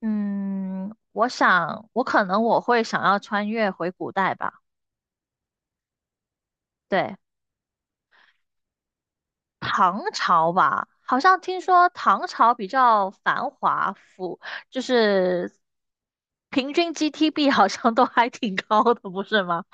嗯，我可能我会想要穿越回古代吧。对，唐朝吧。好像听说唐朝比较繁华富，就是平均 GDP 好像都还挺高的，不是吗？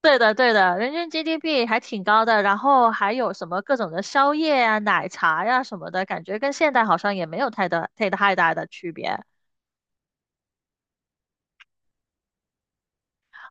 对的，对的，人均 GDP 还挺高的，然后还有什么各种的宵夜啊、奶茶呀、什么的，感觉跟现代好像也没有太大的区别。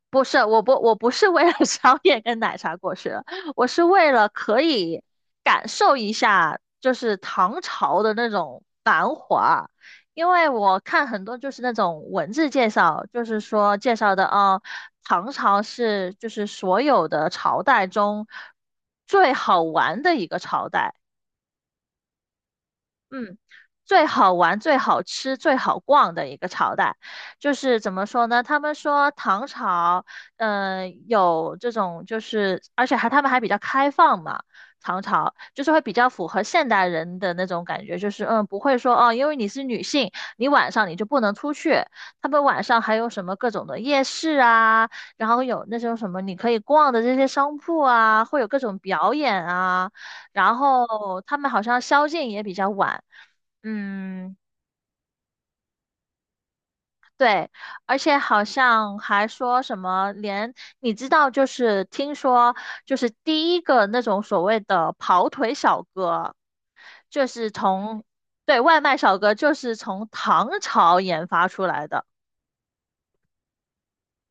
不是，我不是为了 宵夜跟奶茶过世的，我是为了可以感受一下，就是唐朝的那种繁华。因为我看很多就是那种文字介绍，就是说介绍的啊，唐朝就是所有的朝代中最好玩的一个朝代。嗯，最好玩、最好吃、最好逛的一个朝代，就是怎么说呢？他们说唐朝，有这种就是，而且他们还比较开放嘛。唐朝就是会比较符合现代人的那种感觉，就是不会说哦，因为你是女性，你晚上你就不能出去。他们晚上还有什么各种的夜市啊，然后有那种什么你可以逛的这些商铺啊，会有各种表演啊。然后他们好像宵禁也比较晚。嗯，对，而且好像还说什么连，你知道，就是听说，就是第一个那种所谓的跑腿小哥，就是从，对，外卖小哥就是从唐朝研发出来的。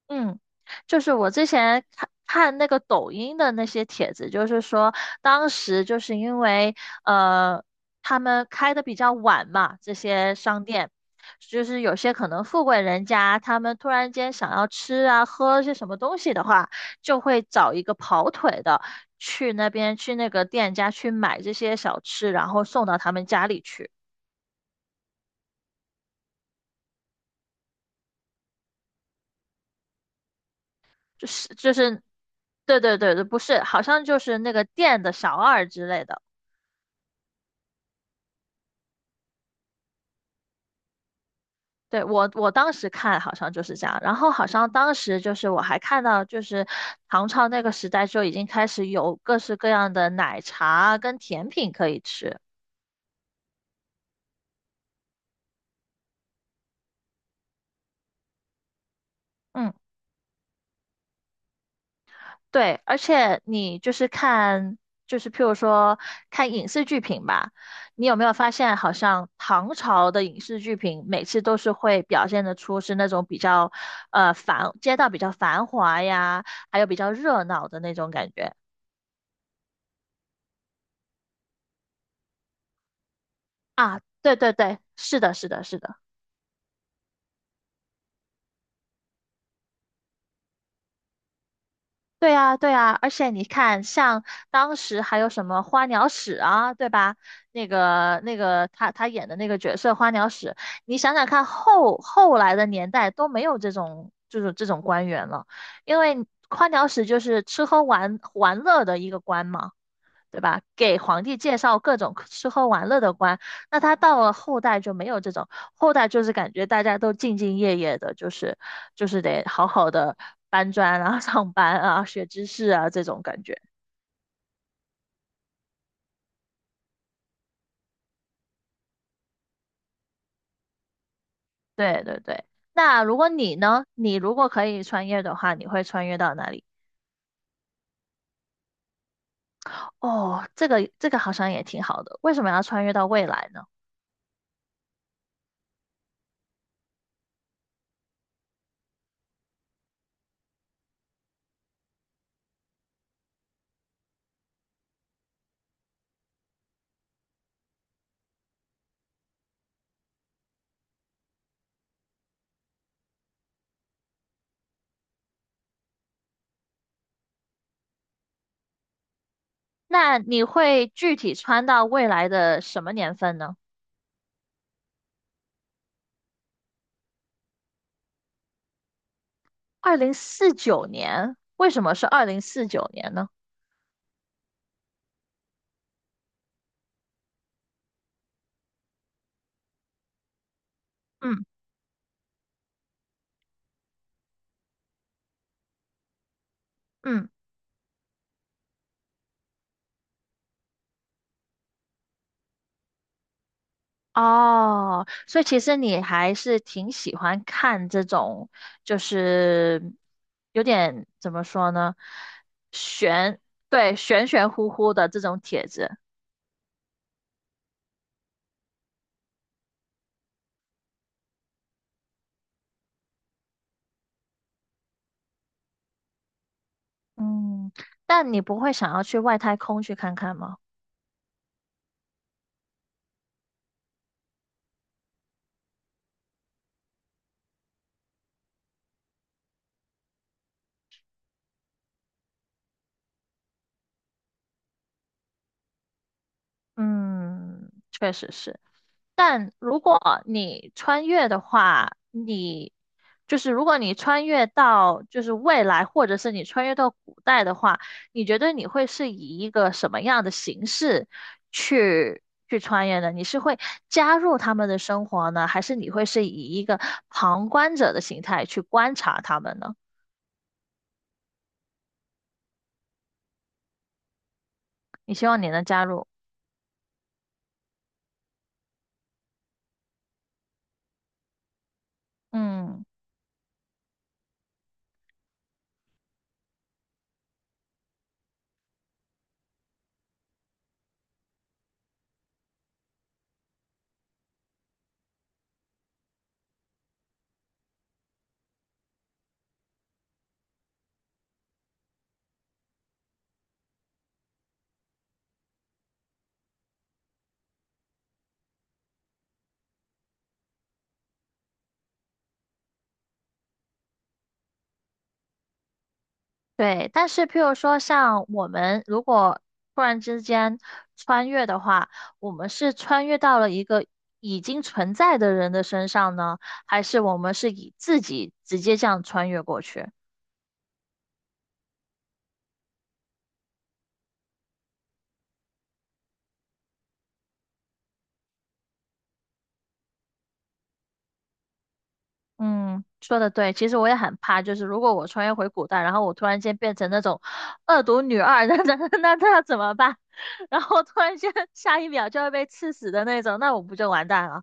嗯，就是我之前看看那个抖音的那些帖子，就是说当时就是因为呃他们开的比较晚嘛，这些商店，就是有些可能富贵人家他们突然间想要吃啊喝些什么东西的话，就会找一个跑腿的去那边去那个店家去买这些小吃，然后送到他们家里去，就是,对对对对，不是，好像就是那个店的小二之类的。对，我当时看好像就是这样，然后好像当时就是我还看到，就是唐朝那个时代就已经开始有各式各样的奶茶跟甜品可以吃。嗯，对，而且你就是看，就是譬如说看影视剧品吧，你有没有发现好像唐朝的影视剧品每次都是会表现得出是那种比较繁，街道比较繁华呀，还有比较热闹的那种感觉啊？对对对，是的，是的，是的。对呀，对呀，而且你看，像当时还有什么花鸟使啊，对吧？那个他演的那个角色花鸟使，你想想看后来的年代都没有这种官员了，因为花鸟使就是吃喝玩乐的一个官嘛。对吧？给皇帝介绍各种吃喝玩乐的官，那他到了后代就没有这种，后代就是感觉大家都兢兢业业的，就是得好好的搬砖啊、上班啊、学知识啊这种感觉。对对对。那如果你呢？你如果可以穿越的话，你会穿越到哪里？哦，这个这个好像也挺好的。为什么要穿越到未来呢？那你会具体穿到未来的什么年份呢？二零四九年。为什么是二零四九年呢？嗯嗯，哦，所以其实你还是挺喜欢看这种，就是有点怎么说呢，玄，对，玄玄乎乎的这种帖子。嗯，但你不会想要去外太空去看看吗？嗯，确实是。但如果你穿越的话，你就是如果你穿越到就是未来，或者是你穿越到古代的话，你觉得你会是以一个什么样的形式去去穿越呢？你是会加入他们的生活呢，还是你会是以一个旁观者的形态去观察他们呢？你希望你能加入。嗯。对，但是譬如说，像我们如果突然之间穿越的话，我们是穿越到了一个已经存在的人的身上呢，还是我们是以自己直接这样穿越过去？嗯，说的对，其实我也很怕，就是如果我穿越回古代，然后我突然间变成那种恶毒女二，那要怎么办？然后突然间下一秒就要被刺死的那种，那我不就完蛋了？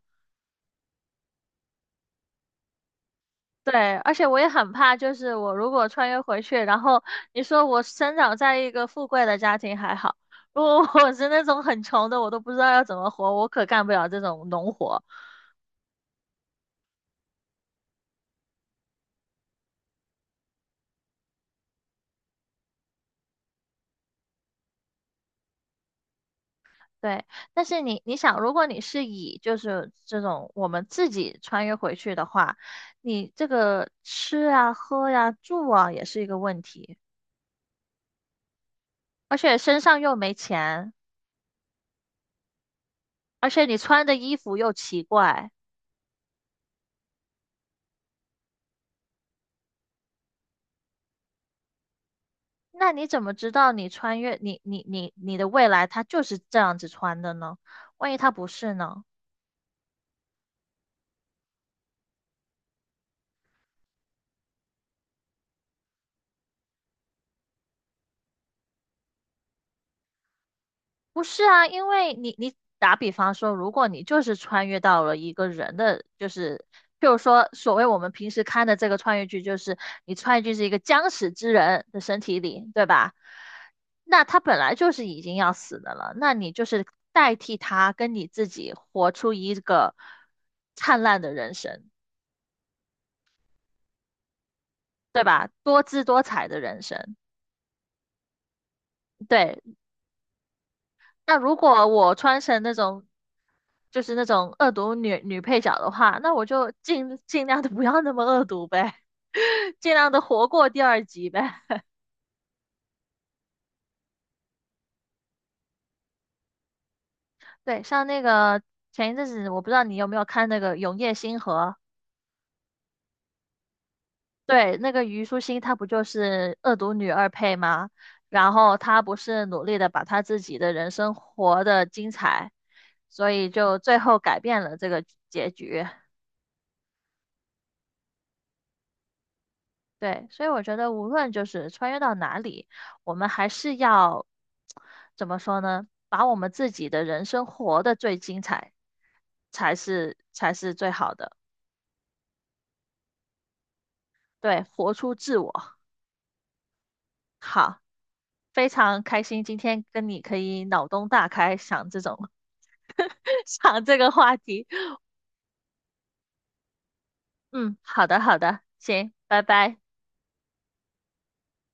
对，而且我也很怕，就是我如果穿越回去，然后你说我生长在一个富贵的家庭还好，如果我是那种很穷的，我都不知道要怎么活，我可干不了这种农活。对，但是你想，如果你是以就是这种我们自己穿越回去的话，你这个吃啊、喝呀、住啊也是一个问题，而且身上又没钱，而且你穿的衣服又奇怪。那你怎么知道你穿越你你你你的未来它就是这样子穿的呢？万一它不是呢？不是啊，因为你打比方说，如果你就是穿越到了一个人的，就是譬如说所谓我们平时看的这个穿越剧，就是你穿越剧是一个将死之人的身体里，对吧？那他本来就是已经要死的了，那你就是代替他跟你自己活出一个灿烂的人生，对吧？多姿多彩的人生。对，那如果我穿成那种就是那种恶毒女配角的话，那我就尽量的不要那么恶毒呗，尽量的活过第二集呗。对，像那个前一阵子，我不知道你有没有看那个《永夜星河》，对，那个虞书欣她不就是恶毒女二配吗？然后她不是努力的把她自己的人生活得精彩，所以就最后改变了这个结局。对，所以我觉得无论就是穿越到哪里，我们还是要怎么说呢？把我们自己的人生活得最精彩，才是最好的。对，活出自我。好，非常开心今天跟你可以脑洞大开，想这种 想这个话题。嗯，好的好的，行，拜拜。